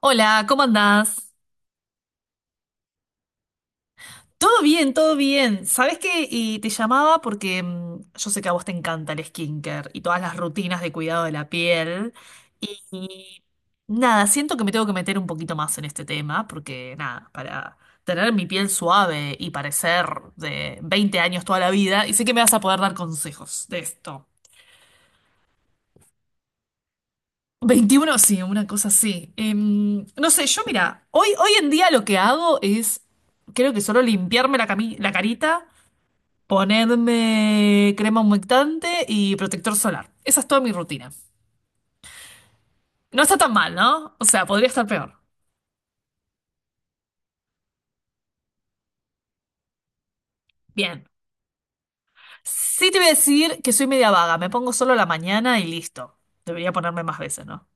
Hola, ¿cómo andás? Todo bien, todo bien. ¿Sabés qué? Y te llamaba porque yo sé que a vos te encanta el skincare y todas las rutinas de cuidado de la piel. Y nada, siento que me tengo que meter un poquito más en este tema porque nada, para tener mi piel suave y parecer de 20 años toda la vida, y sé que me vas a poder dar consejos de esto. 21, sí, una cosa así. No sé, yo mira, hoy en día lo que hago es, creo que solo limpiarme la carita. Ponerme crema humectante y protector solar. Esa es toda mi rutina. No está tan mal, ¿no? O sea, podría estar peor. Bien. Sí te voy a decir que soy media vaga. Me pongo solo a la mañana y listo. Debería ponerme más veces, ¿no?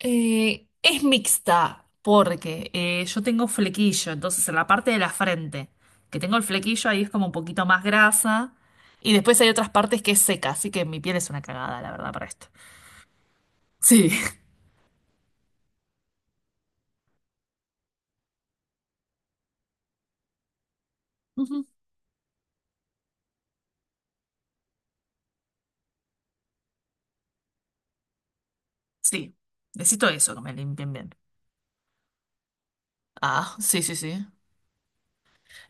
Es mixta porque yo tengo flequillo, entonces en la parte de la frente que tengo el flequillo ahí es como un poquito más grasa y después hay otras partes que es seca, así que mi piel es una cagada, la verdad, para esto. Sí. Ujú. Sí, necesito eso, que me limpien bien. Ah, sí, sí, sí.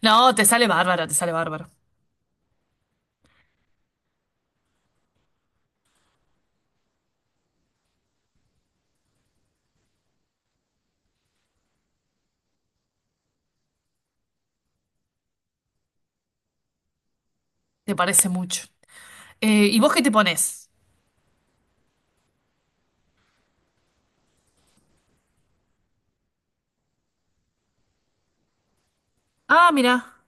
No, te sale bárbara, te sale bárbara. Te parece mucho. ¿Y vos qué te pones? Ah, mira,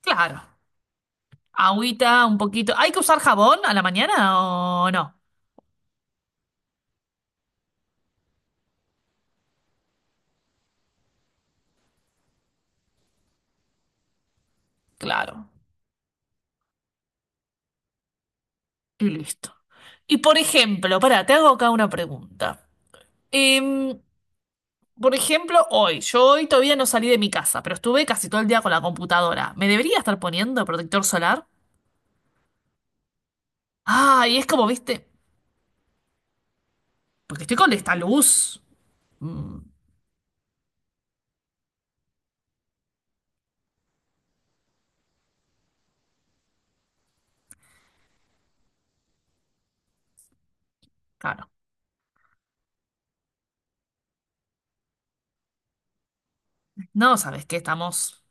claro. Agüita, un poquito. ¿Hay que usar jabón a la mañana o no? Claro. Y listo. Y por ejemplo, pará, te hago acá una pregunta. Em, por ejemplo, hoy, yo hoy todavía no salí de mi casa, pero estuve casi todo el día con la computadora. ¿Me debería estar poniendo protector solar? Ah, y es como, viste, porque estoy con esta luz. Mm, claro. No, ¿sabes qué? Estamos.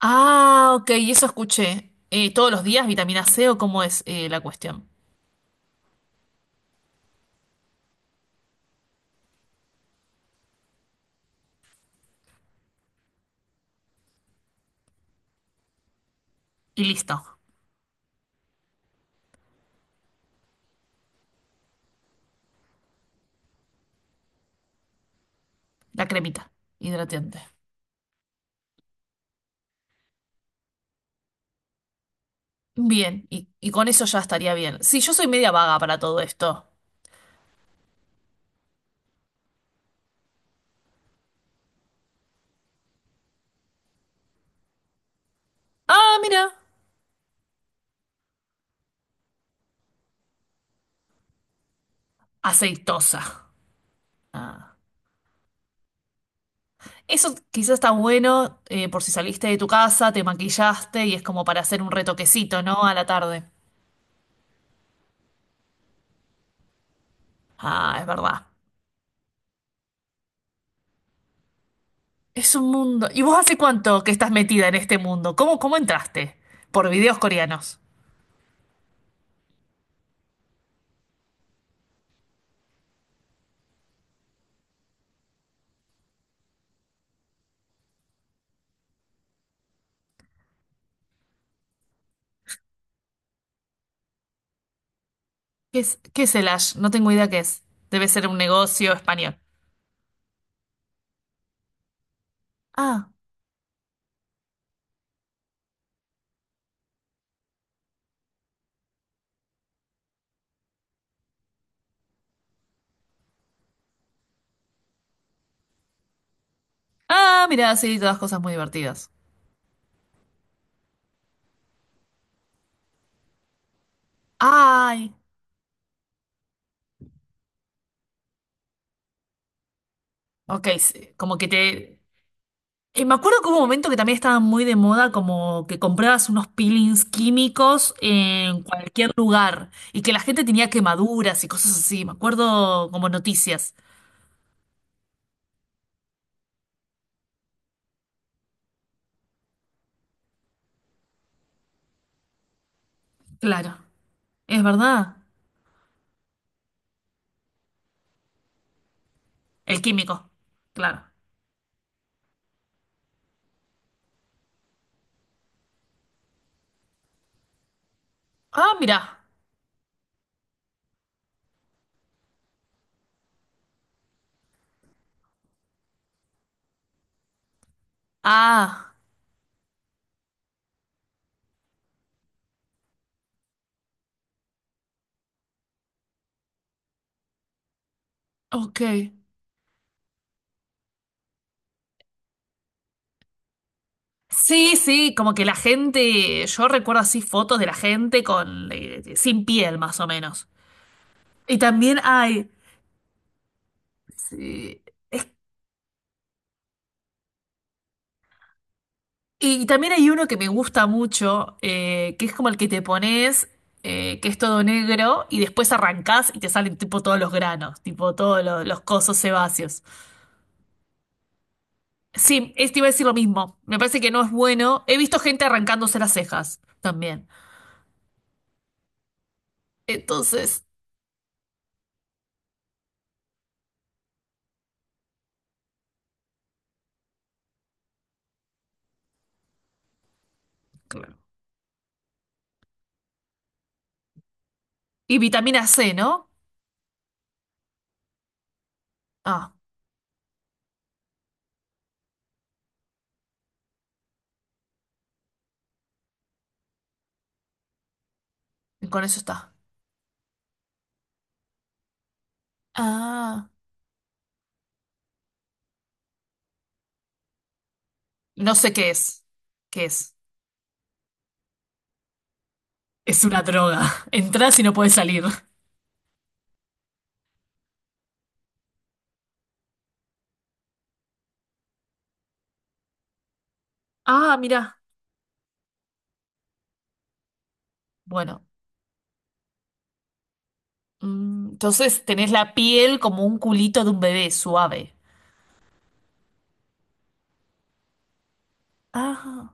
Ah, ok, eso escuché. Todos los días vitamina C o cómo es la cuestión. Y listo, la cremita hidratante. Bien, y con eso ya estaría bien. Sí, yo soy media vaga para todo esto. Ah, mira, aceitosa. Ah. Eso quizás está bueno por si saliste de tu casa, te maquillaste y es como para hacer un retoquecito, ¿no? A la tarde. Ah, es verdad. Es un mundo. ¿Y vos hace cuánto que estás metida en este mundo? ¿Cómo, cómo entraste? Por videos coreanos. Qué es el Ash? No tengo idea qué es. Debe ser un negocio español. Ah. Ah, mira, sí, todas cosas muy divertidas. Ay. Ok, sí, como que te... Me acuerdo que hubo un momento que también estaba muy de moda, como que comprabas unos peelings químicos en cualquier lugar y que la gente tenía quemaduras y cosas así. Me acuerdo como noticias. Claro, es verdad. El químico, claro. Ah, mira. Ah, ok. Sí, sí, como que la gente, yo recuerdo así fotos de la gente con sin piel más o menos. Y también hay, sí, y también hay uno que me gusta mucho, que es como el que te pones, que es todo negro, y después arrancás y te salen tipo todos los granos, tipo todos los cosos sebáceos. Sí, este iba a decir lo mismo. Me parece que no es bueno. He visto gente arrancándose las cejas también. Entonces. Claro. Y vitamina C, ¿no? Ah, y con eso está. Ah, no sé qué es. ¿Qué es? Es una droga. Entrás y no puedes salir. Ah, mira. Bueno, entonces tenés la piel como un culito de un bebé suave. Ah.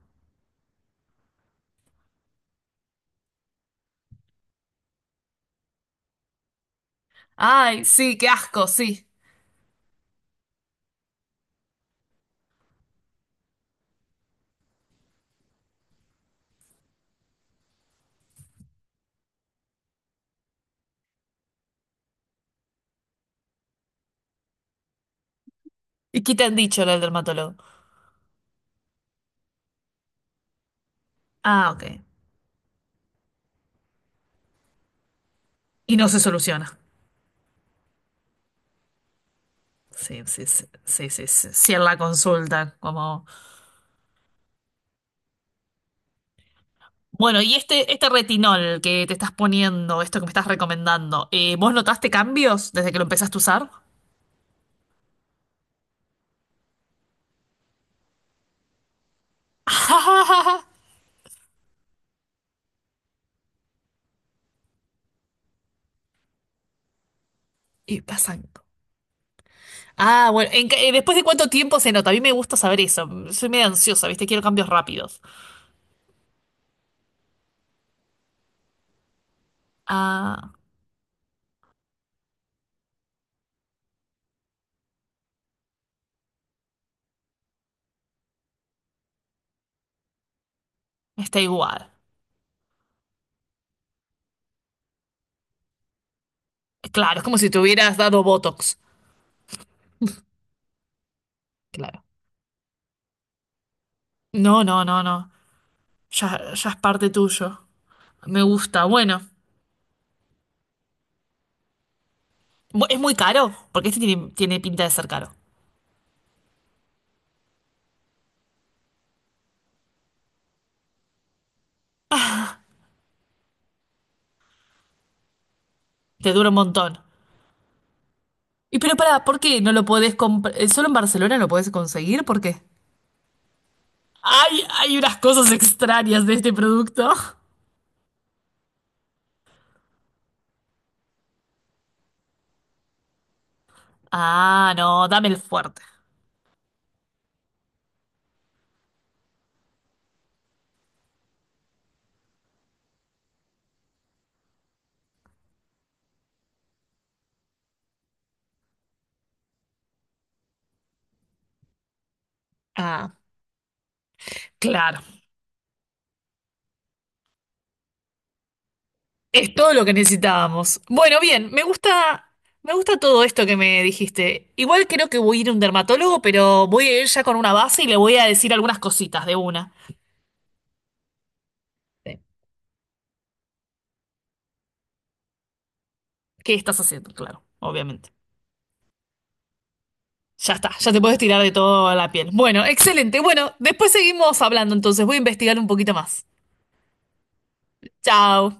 Ay, sí, qué asco, sí. ¿Y qué te han dicho los dermatólogo? Ah, ok. Y no se soluciona. Sí, sí, sí, sí, sí, sí, sí, sí, en la consulta, como... Bueno, y este retinol que te estás poniendo, esto que me estás recomendando, ¿vos notaste cambios desde que lo empezaste a usar? Y pasan. Ah, bueno, ¿después de cuánto tiempo se nota? A mí me gusta saber eso. Soy medio ansiosa, ¿viste? Quiero cambios rápidos. Ah, está igual. Claro, es como si te hubieras dado Botox. Claro. No, no, no, no. Ya, ya es parte tuyo. Me gusta. Bueno, es muy caro, porque este tiene, tiene pinta de ser caro. Te dura un montón. Y pero pará, ¿por qué no lo podés comprar? ¿Solo en Barcelona lo podés conseguir? ¿Por qué? Ay, hay unas cosas extrañas de este producto. Ah, no, dame el fuerte. Ah, claro. Es todo lo que necesitábamos. Bueno, bien, me gusta todo esto que me dijiste. Igual creo que voy a ir a un dermatólogo, pero voy a ir ya con una base y le voy a decir algunas cositas de una. Sí. ¿Qué estás haciendo? Claro, obviamente. Ya está, ya te puedes tirar de toda la piel. Bueno, excelente. Bueno, después seguimos hablando, entonces voy a investigar un poquito más. Chao.